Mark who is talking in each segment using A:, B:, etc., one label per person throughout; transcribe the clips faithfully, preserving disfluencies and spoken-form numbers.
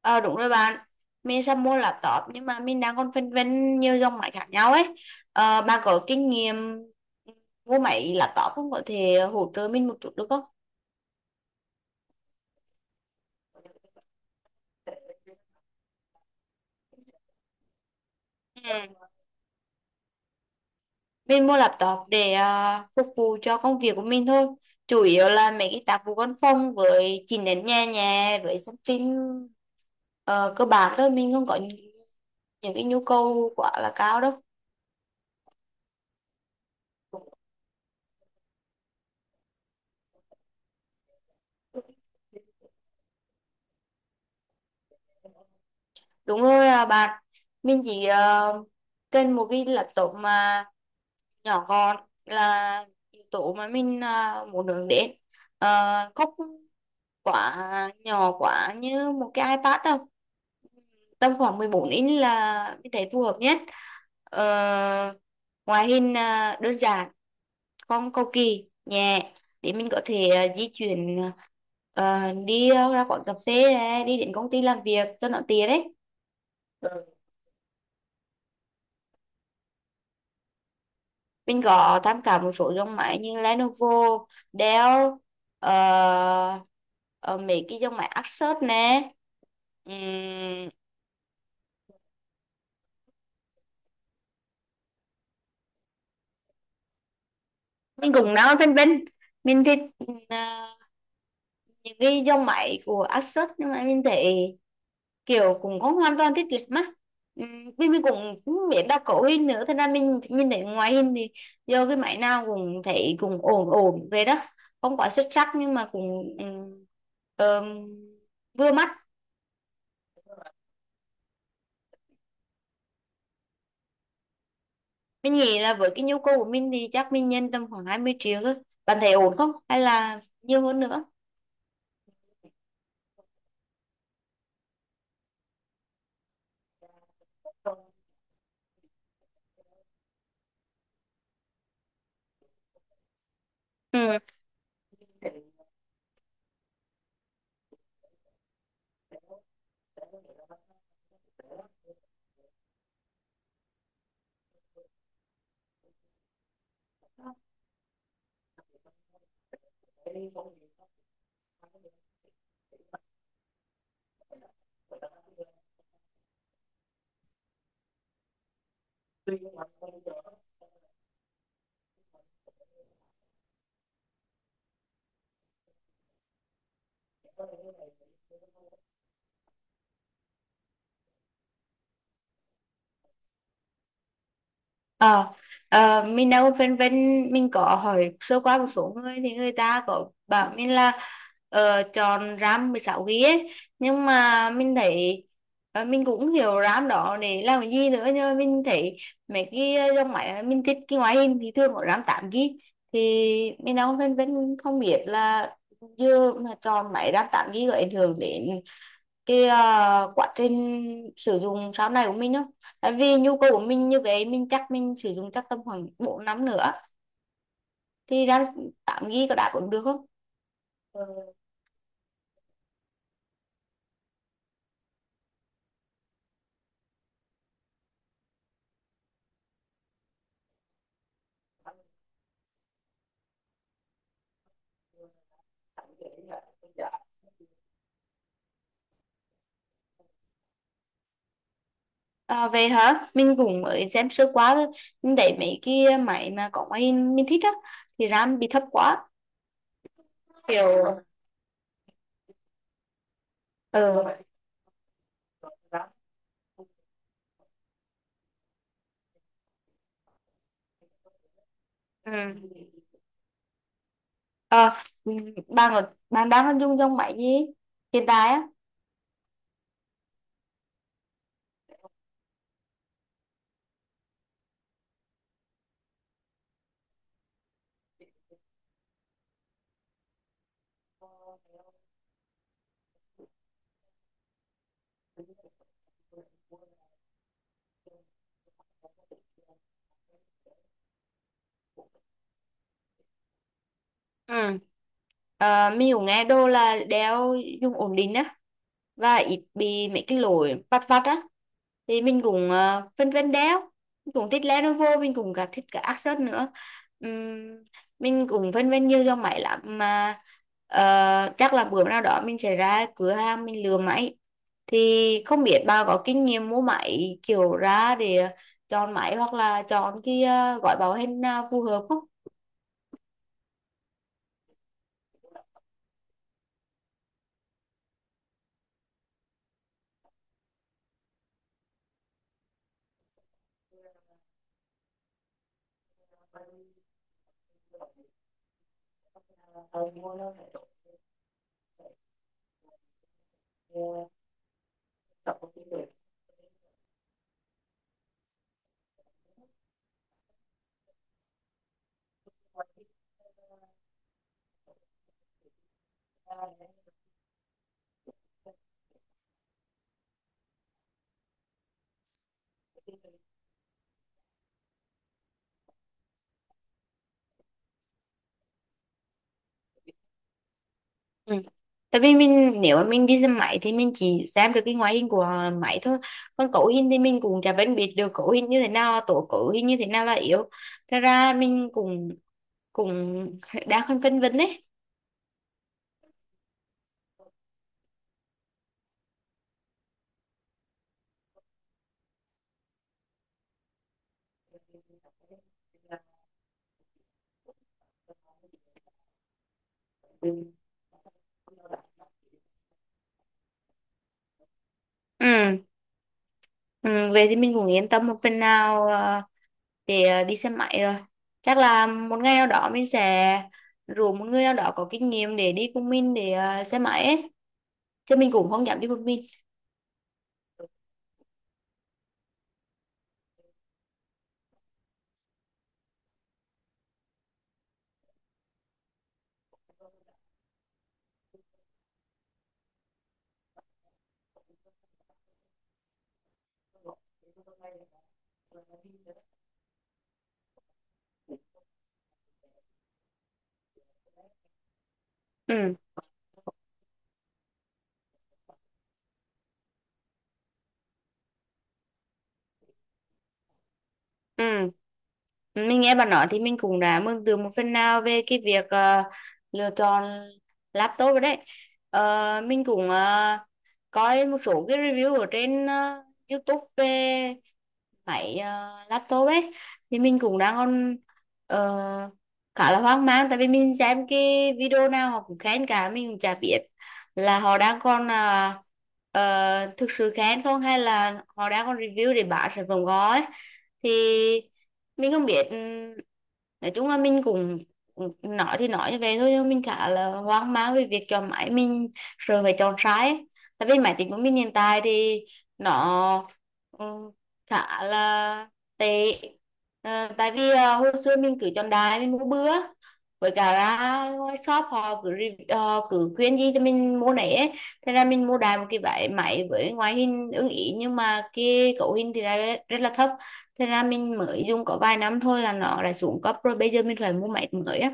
A: Ờ, đúng rồi bạn. Mình sắp mua laptop nhưng mà mình đang còn phân vân nhiều dòng máy khác nhau ấy. Ờ, bạn có kinh nghiệm mua máy laptop không, có thể hỗ trợ mình một chút được không? Ừ. Mình mua laptop để à, phục vụ cho công việc của mình thôi, chủ yếu là mấy cái tác vụ văn phòng với chỉnh đến nhà nhà với xem phim. Ờ, Cơ bản thôi mình không có những, những cái nhu cầu quá là cao đâu. Đúng rồi à, bạn mình chỉ ờ, cần một cái laptop mà nhỏ gọn là yếu tố mà mình ờ, muốn hướng đến. Ờ, Không quá nhỏ quá như một cái iPad đâu, tầm khoảng mười bốn inch là mình thấy phù hợp nhất. Ờ, Ngoại hình ờ, đơn giản, không cầu kỳ, nhẹ, để mình có thể ờ, di chuyển, ờ, đi ờ, ra quán cà phê này, đi đến công ty làm việc cho nó tiện đấy. Mình có tham khảo một số dòng máy như Lenovo, Dell, ờ, ờ, mấy cái dòng máy Asus nè. Ừm, mình cũng đang phân vân. Mình thích ờ, những cái dòng máy của Asus nhưng mà mình thấy kiểu cũng không hoàn toàn thích lịch mắt. Ừm, vì mình cũng không biết đọc cấu hình nữa, thế nên mình nhìn thấy ngoại hình thì do cái máy nào cũng thấy cũng ổn ổn về đó, không quá xuất sắc nhưng mà cũng ừm, ờm, vừa mắt. Mình nghĩ là với cái nhu cầu của mình thì chắc mình nhân tầm khoảng hai mươi triệu thôi. Bạn thấy ổn không? Hay là nhiều hơn nữa? Ừ. Ờ, ờ, mình đâu vân vân, mình có hỏi sơ qua một số người thì người ta có bảo mình là ờ, chọn RAM mười sáu giê bê ấy, nhưng mà mình thấy ờ, mình cũng hiểu RAM đó để làm cái gì nữa, nhưng mà mình thấy mấy cái ờ, dòng máy mà mình thích cái ngoại hình thì thường có RAM tám giê bê. Thì mình đâu vân vân, không biết là giờ mà chọn máy RAM tám gi ga bai có ảnh hưởng đến cái ờ, quá trình sử dụng sau này của mình không, tại vì nhu cầu của mình như vậy mình chắc mình sử dụng chắc tầm khoảng bốn năm nữa thì ra tám giê bê có đáp ứng được không? Ừ. Dạ. À, về hả mình cũng mới xem sơ quá thôi, mình thấy mấy cái máy mà có máy hình mình thích á thì RAM bị thấp quá kiểu. Ừ. Ừ. Ờ, bạn ở bạn đang dùng dòng máy gì hiện tại á? Ừ. À, mình cũng nghe đô là đeo dùng ổn định á, và ít bị mấy cái lỗi vặt vặt á, thì mình cũng ờ, phân vân đeo, mình cũng thích Lenovo, mình cũng cả thích cả Asus nữa. Ừm, mình cũng phân vân nhiều dòng máy lắm mà ờ, chắc là bữa nào đó mình sẽ ra cửa hàng mình lựa máy, thì không biết bà có kinh nghiệm mua máy kiểu ra để chọn máy hoặc là chọn cái ờ, gói bảo hành nào phù hợp không? Ừ. Tại vì mình nếu mà mình đi xem máy thì mình chỉ xem được cái ngoại hình của máy thôi, còn cấu hình thì mình cũng chả phân biệt được cấu hình như thế nào là tốt, cấu hình như thế nào là yếu. Thật ra mình cũng cũng đang còn phân vân đấy. Ừ. Ừ. Về thì mình cũng yên tâm một phần nào ờ, để ờ, đi xem máy rồi, chắc là một ngày nào đó mình sẽ rủ một người nào đó có kinh nghiệm để đi cùng mình để ờ, xem máy ấy, chứ mình cũng không dám đi một mình. Ừ. Ừ. Mình nghe bạn nói thì mình cũng đã mường tượng một phần nào về cái việc ờ, lựa chọn laptop rồi đấy. Ờ, mình cũng ờ, coi một số cái review ở trên ờ, YouTube về máy ờ, laptop ấy, thì mình cũng đang còn ờ, khá là hoang mang, tại vì mình xem cái video nào họ cũng khen cả, mình cũng chả biết là họ đang còn ờ, ờ, thực sự khen không, hay là họ đang còn review để bán sản phẩm gói. Thì mình không biết, ừm, nói chung là mình cũng nói thì nói như vậy thôi nhưng mà mình khá là hoang mang về việc chọn máy, mình rồi phải chọn sai ấy. Tại vì máy tính của mình hiện tại thì nó ừ, khá là tệ. Ờ, tại vì ờ, hồi xưa mình cứ chọn đại mình mua bữa, với cả là ngoài shop họ cứ re- họ cứ khuyên gì cho mình mua nấy ấy. Thế ra mình mua đại một cái váy máy với ngoại hình ưng ý nhưng mà cái cấu hình thì ra rất, rất là thấp, thế ra mình mới dùng có vài năm thôi là nó đã xuống cấp rồi, bây giờ mình phải mua máy mới á.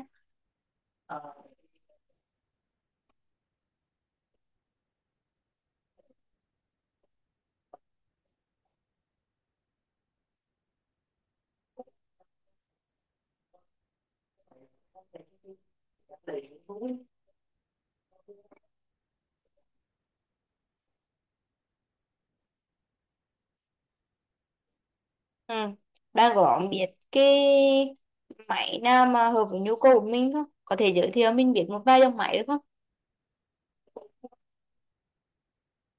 A: Ừ. Đang có biết cái máy nào mà hợp với nhu cầu của mình không, có thể giới thiệu mình biết một vài dòng máy được không?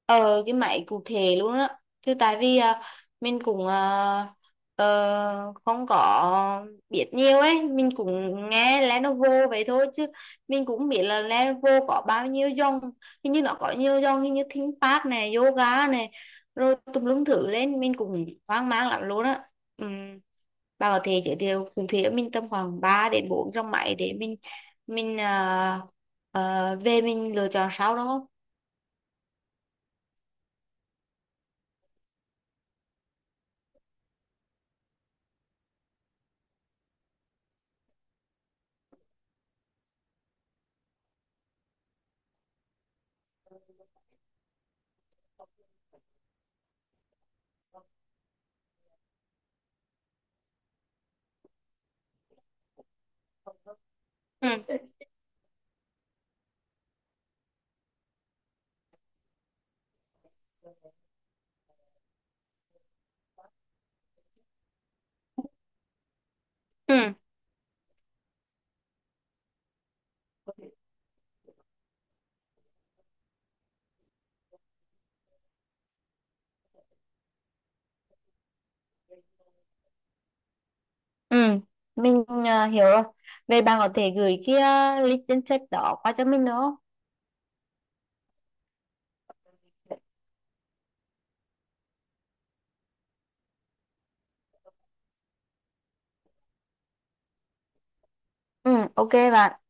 A: ờ cái máy cụ thể luôn á, chứ tại vì à, mình cũng à, ờ, không có biết nhiều ấy, mình cũng nghe Lenovo vậy thôi chứ mình cũng biết là Lenovo có bao nhiêu dòng, hình như nó có nhiều dòng, hình như ThinkPad này, yoga này, rồi tùm lum thử lên mình cũng hoang mang lắm luôn á. Ừm, bà có thể giới thiệu cụ thể cho mình tầm khoảng ba đến bốn dòng máy để mình mình à, ờ, về mình lựa chọn sau đó không? Ừ. Ừ. Ừ, mình ờ, hiểu rồi. Vậy bạn có thể gửi cái ờ, link danh sách đó qua cho mình nữa không? Ừ, ok bạn.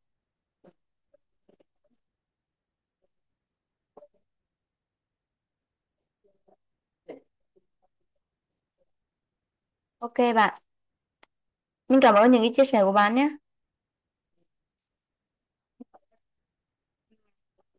A: Ok bạn. Mình cảm ơn những cái chia sẻ của bạn nhé.